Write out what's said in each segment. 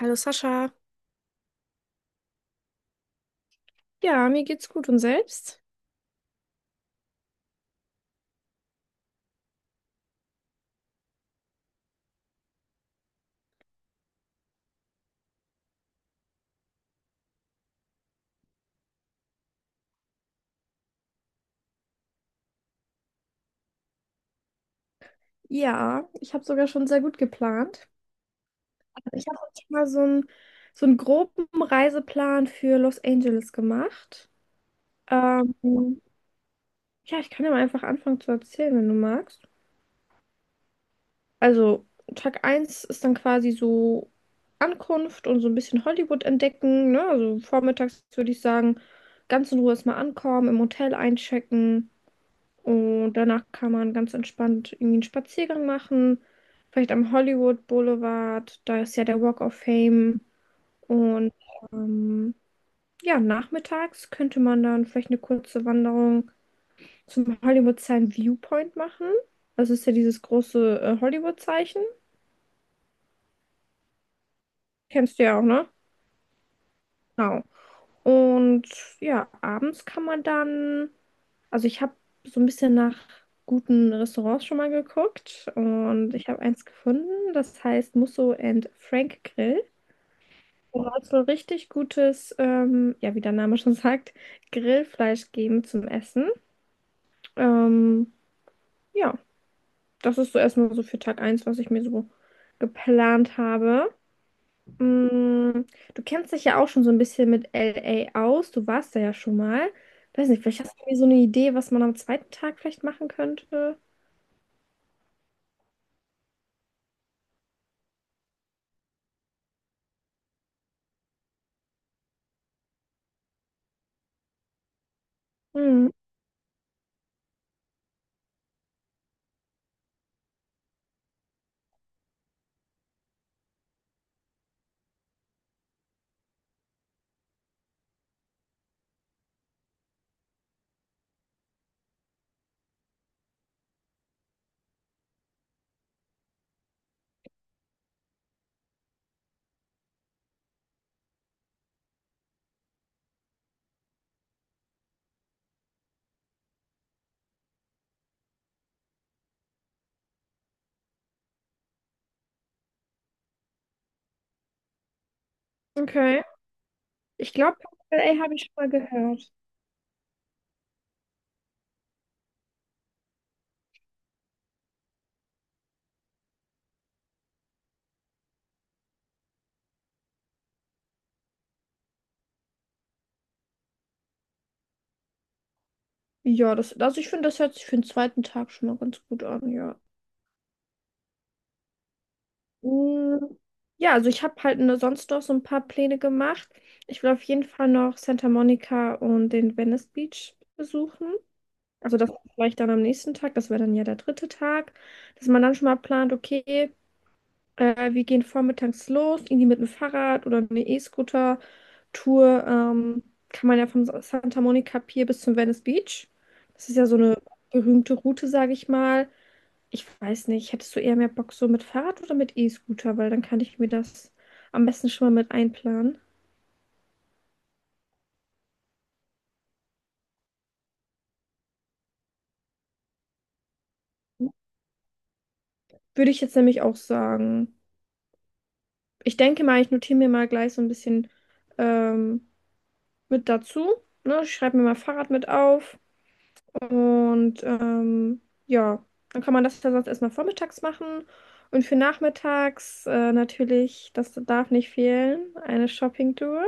Hallo Sascha. Ja, mir geht's gut, und selbst? Ja, ich habe sogar schon sehr gut geplant. Ich habe schon mal so einen groben Reiseplan für Los Angeles gemacht. Ähm, ja, ich kann ja mal einfach anfangen zu erzählen, wenn du magst. Also, Tag eins ist dann quasi so Ankunft und so ein bisschen Hollywood entdecken, ne? Also vormittags würde ich sagen, ganz in Ruhe erstmal ankommen, im Hotel einchecken. Und danach kann man ganz entspannt irgendwie einen Spaziergang machen. Vielleicht am Hollywood Boulevard, da ist ja der Walk of Fame. Und ähm, ja, nachmittags könnte man dann vielleicht eine kurze Wanderung zum Hollywood-Sign Viewpoint machen. Das ist ja dieses große Hollywood-Zeichen. Kennst du ja auch, ne? Genau. Und ja, abends kann man dann. Also ich habe so ein bisschen nach guten Restaurants schon mal geguckt, und ich habe eins gefunden, das heißt Musso and Frank Grill. Und da soll es wohl richtig gutes, ja, wie der Name schon sagt, Grillfleisch geben zum Essen. Ähm, ja, das ist so erstmal so für Tag eins, was ich mir so geplant habe. Mm, du kennst dich ja auch schon so ein bisschen mit LA aus. Du warst da ja schon mal. Weiß nicht, vielleicht hast du mir so eine Idee, was man am zweiten Tag vielleicht machen könnte. Mm. Okay. Ich glaube, LA habe ich schon mal gehört. Ja, das, also ich finde, das hört sich für den zweiten Tag schon mal ganz gut an, ja. Mm, ja, also ich habe halt sonst noch so ein paar Pläne gemacht. Ich will auf jeden Fall noch Santa Monica und den Venice Beach besuchen. Also das vielleicht dann am nächsten Tag, das wäre dann ja der dritte Tag, dass man dann schon mal plant, okay, wir gehen vormittags los, irgendwie mit dem Fahrrad oder eine E-Scooter-Tour. Kann man ja vom Santa Monica Pier bis zum Venice Beach. Das ist ja so eine berühmte Route, sage ich mal. Ich weiß nicht, hättest du eher mehr Bock so mit Fahrrad oder mit E-Scooter? Weil dann kann ich mir das am besten schon mal mit einplanen. Würde ich jetzt nämlich auch sagen. Ich denke mal, ich notiere mir mal gleich so ein bisschen ähm, mit dazu. Ne? Ich schreibe mir mal Fahrrad mit auf. Und ja, dann kann man das ja sonst erstmal vormittags machen. Und für nachmittags natürlich, das darf nicht fehlen, eine Shopping-Tour.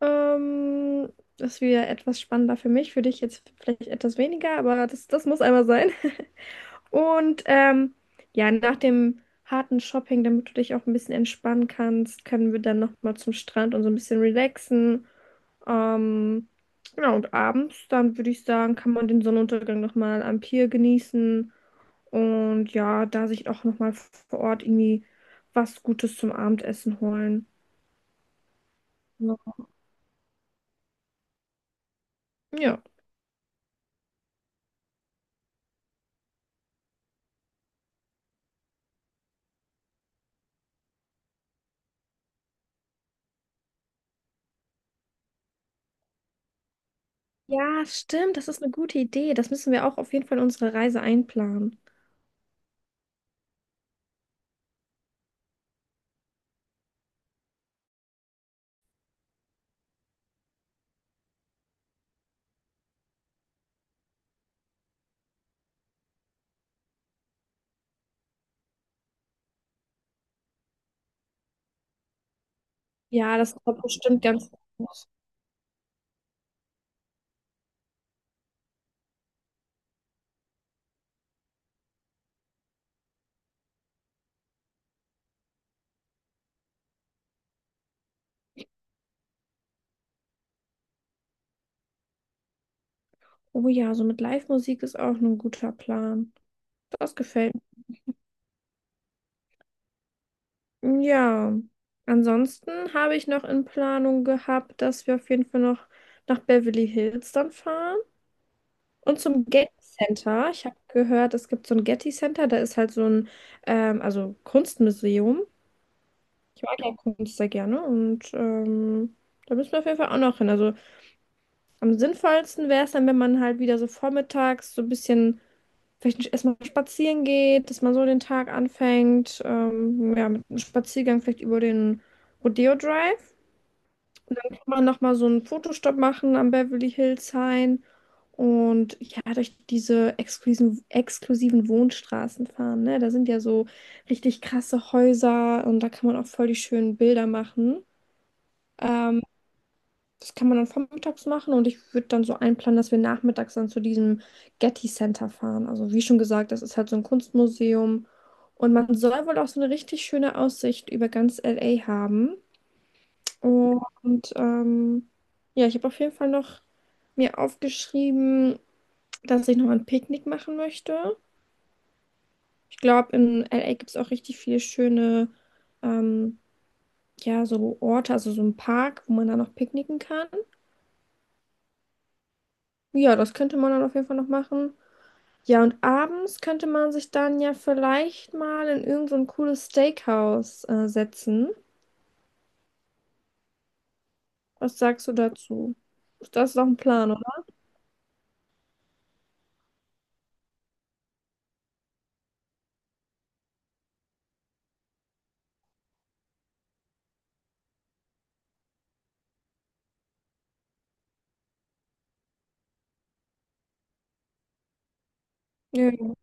Das ist wieder etwas spannender für mich, für dich jetzt vielleicht etwas weniger, aber das muss einmal sein. Und ja, nach dem harten Shopping, damit du dich auch ein bisschen entspannen kannst, können wir dann nochmal zum Strand und so ein bisschen relaxen. Ähm, genau, und abends, dann würde ich sagen, kann man den Sonnenuntergang nochmal am Pier genießen und ja, da sich auch nochmal vor Ort irgendwie was Gutes zum Abendessen holen. Ja, ja. Ja, stimmt, das ist eine gute Idee. Das müssen wir auch auf jeden Fall in unsere Reise einplanen. Ja, das kommt bestimmt ganz gut. Oh ja, so mit Live-Musik ist auch ein guter Plan. Das gefällt. Ja, ansonsten habe ich noch in Planung gehabt, dass wir auf jeden Fall noch nach Beverly Hills dann fahren und zum Getty Center. Ich habe gehört, es gibt so ein Getty Center, da ist halt so ein, also Kunstmuseum. Ich mag ja Kunst sehr gerne, und da müssen wir auf jeden Fall auch noch hin. Also am sinnvollsten wäre es dann, wenn man halt wieder so vormittags so ein bisschen vielleicht erstmal spazieren geht, dass man so den Tag anfängt, ja, mit einem Spaziergang vielleicht über den Rodeo Drive. Mal nochmal so einen Fotostopp machen am Beverly Hills Hain und ja, durch diese exklusiven Wohnstraßen fahren, ne? Da sind ja so richtig krasse Häuser, und da kann man auch voll die schönen Bilder machen. Ähm, das kann man dann vormittags machen, und ich würde dann so einplanen, dass wir nachmittags dann zu diesem Getty Center fahren. Also wie schon gesagt, das ist halt so ein Kunstmuseum, und man soll wohl auch so eine richtig schöne Aussicht über ganz LA haben. Und ja, ich habe auf jeden Fall noch mir aufgeschrieben, dass ich noch ein Picknick machen möchte. Ich glaube, in LA gibt es auch richtig viele schöne, ähm, ja, so Orte, also so ein Park, wo man dann noch picknicken kann. Ja, das könnte man dann auf jeden Fall noch machen. Ja, und abends könnte man sich dann ja vielleicht mal in irgend so ein cooles Steakhouse, setzen. Was sagst du dazu? Das ist auch ein Plan, oder? Ja,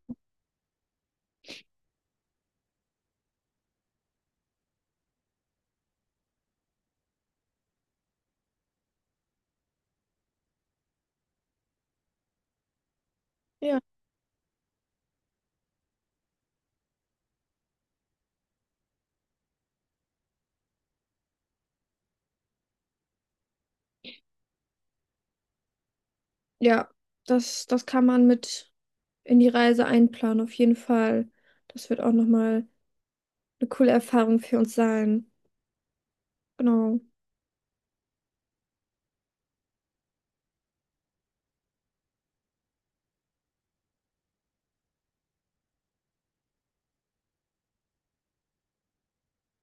ja. Ja, das, das kann man mit. In die Reise einplanen, auf jeden Fall. Das wird auch nochmal eine coole Erfahrung für uns sein. Genau.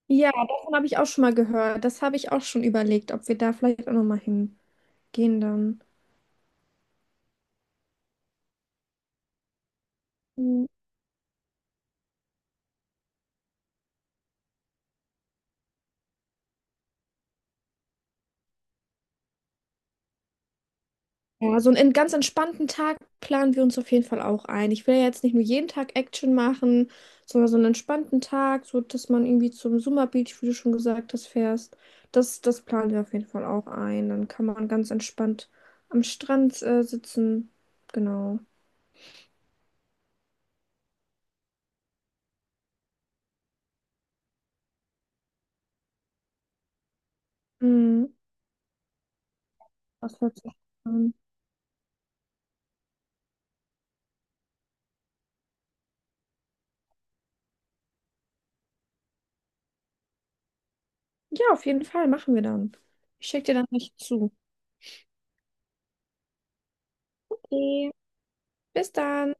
Ja, davon habe ich auch schon mal gehört. Das habe ich auch schon überlegt, ob wir da vielleicht auch nochmal hingehen dann. Mhm. Ja, so einen ganz entspannten Tag planen wir uns auf jeden Fall auch ein. Ich will ja jetzt nicht nur jeden Tag Action machen, sondern so einen entspannten Tag, so dass man irgendwie zum Summer Beach, wie du schon gesagt hast, fährst. Das planen wir auf jeden Fall auch ein. Dann kann man ganz entspannt am Strand, sitzen. Genau. Mhm. Das hört sich an. Ja, auf jeden Fall machen wir dann. Ich schicke dir dann nicht zu. Okay, bis dann.